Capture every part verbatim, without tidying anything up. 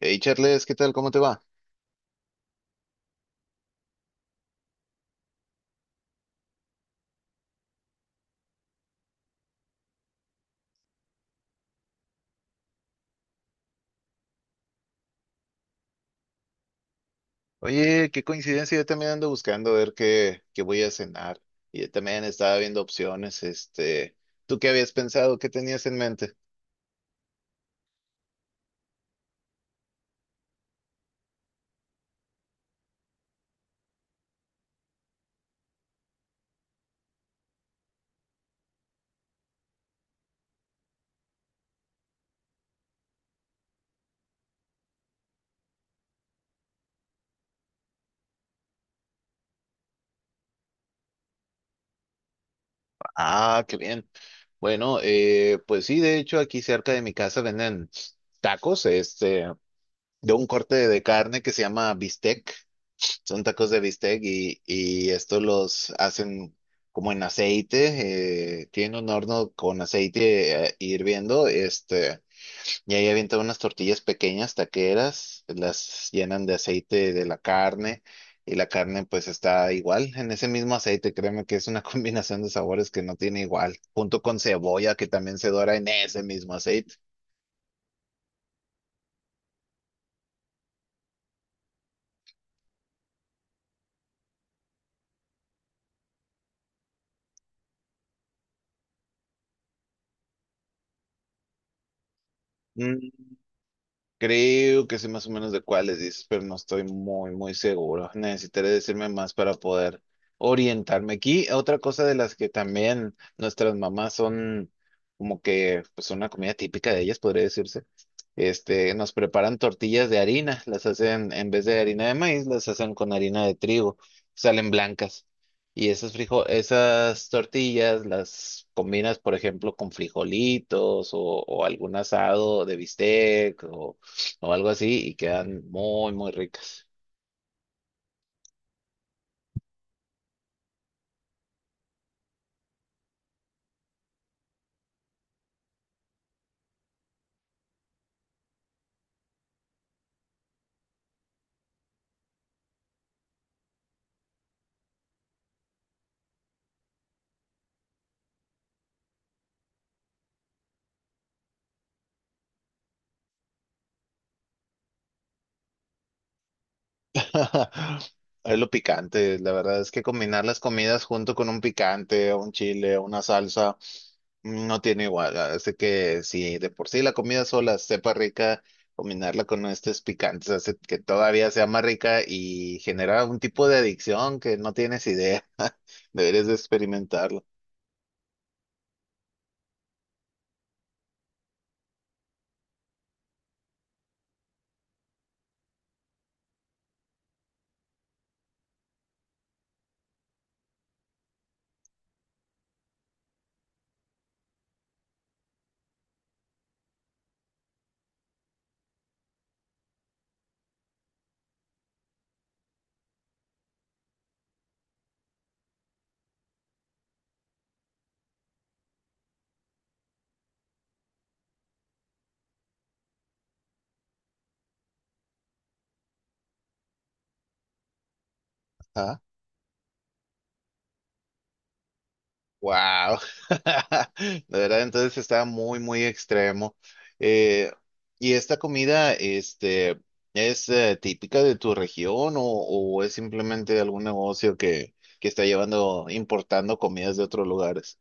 Hey Charles, ¿qué tal? ¿Cómo te va? Oye, qué coincidencia, yo también ando buscando ver qué, qué voy a cenar. Y yo también estaba viendo opciones, este, ¿tú qué habías pensado? ¿Qué tenías en mente? Ah, qué bien. Bueno, eh, pues sí, de hecho aquí cerca de mi casa venden tacos, este, de un corte de carne que se llama bistec. Son tacos de bistec y, y estos los hacen como en aceite, eh, tienen un horno con aceite eh, hirviendo, este. Y ahí avientan unas tortillas pequeñas, taqueras, las llenan de aceite de la carne y la carne pues está igual en ese mismo aceite. Créeme que es una combinación de sabores que no tiene igual, junto con cebolla que también se dora en ese mismo aceite. Creo que sé más o menos de cuáles dices, pero no estoy muy, muy seguro. Necesitaré decirme más para poder orientarme. Aquí, otra cosa de las que también nuestras mamás son como que, pues una comida típica de ellas, podría decirse. Este, nos preparan tortillas de harina, las hacen, en vez de harina de maíz, las hacen con harina de trigo, salen blancas. Y esas frijo- esas tortillas las combinas, por ejemplo, con frijolitos o, o algún asado de bistec o algo así y quedan muy, muy ricas. Es lo picante, la verdad es que combinar las comidas junto con un picante, un chile, una salsa, mm, no tiene igual. Hace que si de por sí la comida sola sepa rica, combinarla con estos picantes hace que todavía sea más rica y genera un tipo de adicción que no tienes idea. Deberías de experimentarlo. Wow, de verdad, entonces está muy, muy extremo. Eh, ¿Y esta comida, este, es eh, típica de tu región o, o es simplemente algún negocio que, que está llevando, importando comidas de otros lugares?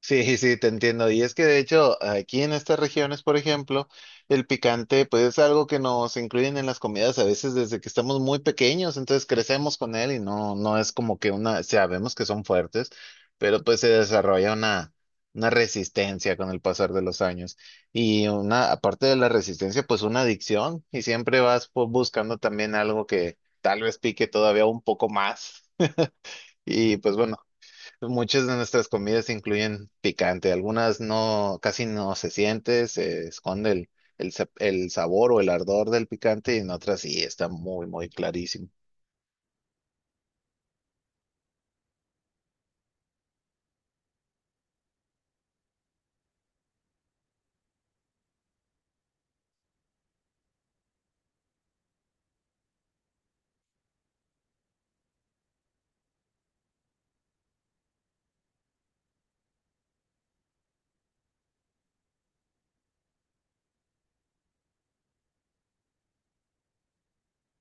Sí, sí, te entiendo. Y es que de hecho, aquí en estas regiones, por ejemplo, el picante, pues es algo que nos incluyen en las comidas a veces desde que estamos muy pequeños, entonces crecemos con él y no, no es como que una, sabemos que son fuertes, pero pues se desarrolla una, una resistencia con el pasar de los años. Y una, aparte de la resistencia, pues una adicción, y siempre vas pues, buscando también algo que tal vez pique todavía un poco más. Y pues bueno. Muchas de nuestras comidas incluyen picante, algunas no, casi no se siente, se esconde el, el, sa- el sabor o el ardor del picante y en otras sí está muy, muy clarísimo.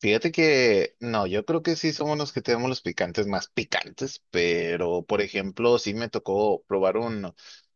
Fíjate que no, yo creo que sí somos los que tenemos los picantes más picantes, pero por ejemplo, sí me tocó probar un,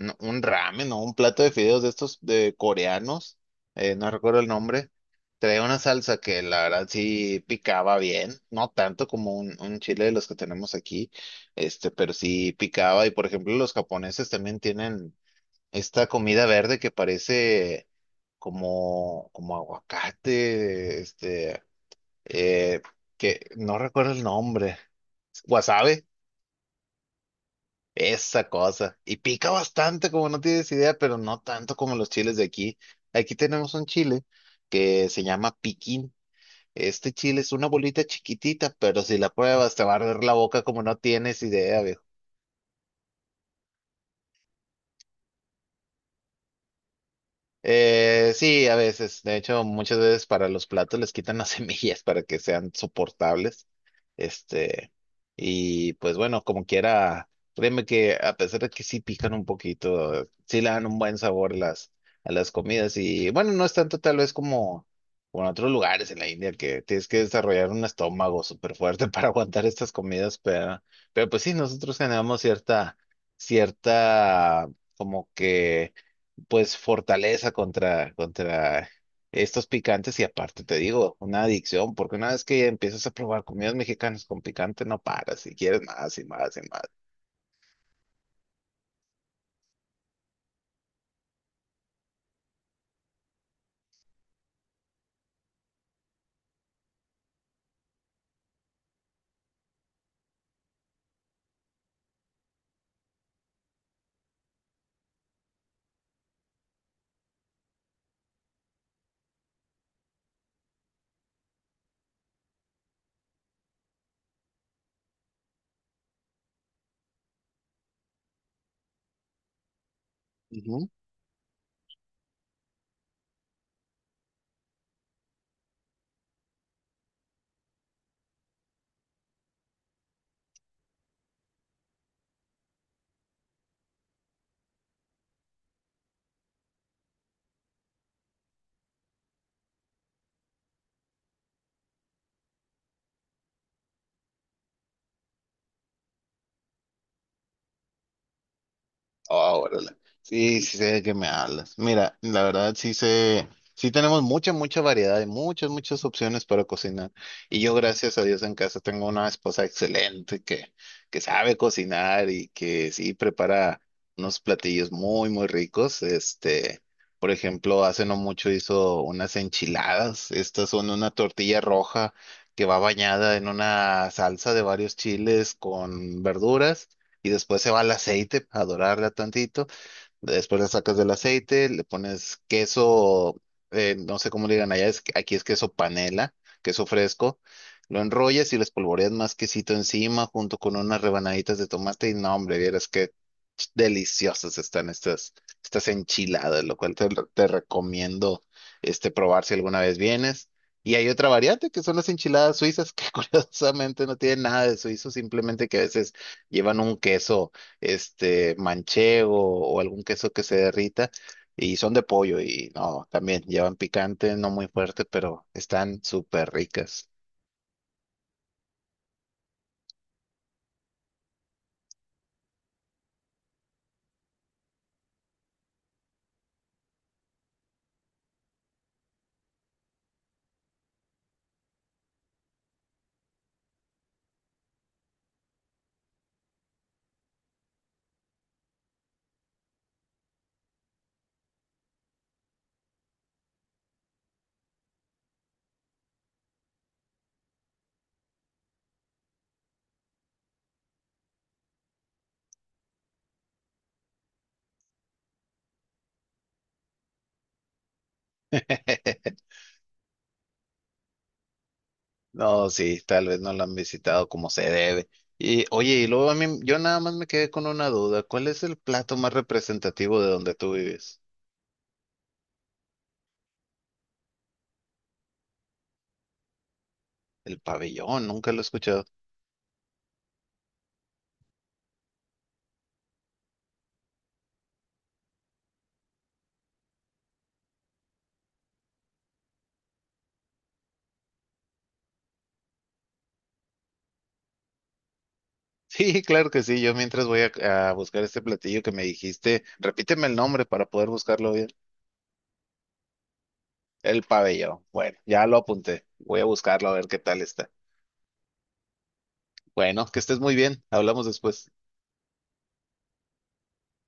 un un ramen o un plato de fideos de estos de coreanos, eh, no recuerdo el nombre. Traía una salsa que la verdad sí picaba bien, no tanto como un, un chile de los que tenemos aquí, este, pero sí picaba. Y por ejemplo, los japoneses también tienen esta comida verde que parece como, como aguacate, este eh, que no recuerdo el nombre, wasabi, esa cosa. Y pica bastante, como no tienes idea, pero no tanto como los chiles de aquí. Aquí tenemos un chile que se llama piquín. Este chile es una bolita chiquitita, pero si la pruebas te va a arder la boca como no tienes idea. Eh, sí, a veces. De hecho, muchas veces para los platos les quitan las semillas para que sean soportables. Este, y pues bueno, como quiera, créeme que a pesar de que sí pican un poquito, sí le dan un buen sabor las, a las comidas. Y bueno, no es tanto tal vez como, como en otros lugares en la India que tienes que desarrollar un estómago súper fuerte para aguantar estas comidas, pero, pero pues sí, nosotros generamos cierta, cierta, como que pues fortaleza contra, contra estos picantes y aparte te digo, una adicción, porque una vez que empiezas a probar comidas mexicanas con picante no paras y quieres más y más y más. Oh, órale. Sí, sí sé de qué me hablas. Mira, la verdad sí sé, sí tenemos mucha, mucha variedad y muchas, muchas opciones para cocinar. Y yo, gracias a Dios, en casa tengo una esposa excelente que, que sabe cocinar y que sí prepara unos platillos muy, muy ricos. Este, por ejemplo, hace no mucho hizo unas enchiladas. Estas son una tortilla roja que va bañada en una salsa de varios chiles con verduras y después se va al aceite a dorarla tantito. Después la sacas del aceite, le pones queso, eh, no sé cómo le digan allá, es, que- aquí es queso panela, queso fresco. Lo enrollas y le espolvoreas más quesito encima junto con unas rebanaditas de tomate y no, hombre, vieras que deliciosas están estas, estas enchiladas, lo cual te, te recomiendo este, probar si alguna vez vienes. Y hay otra variante que son las enchiladas suizas, que curiosamente no tienen nada de suizo, simplemente que a veces llevan un queso este, manchego o algún queso que se derrita y son de pollo y no, también llevan picante, no muy fuerte, pero están súper ricas. No, sí, tal vez no la han visitado como se debe. Y oye, y luego a mí, yo nada más me quedé con una duda. ¿Cuál es el plato más representativo de donde tú vives? El pabellón, nunca lo he escuchado. Sí, claro que sí. Yo mientras voy a, a buscar este platillo que me dijiste, repíteme el nombre para poder buscarlo bien. El pabellón. Bueno, ya lo apunté. Voy a buscarlo a ver qué tal está. Bueno, que estés muy bien. Hablamos después.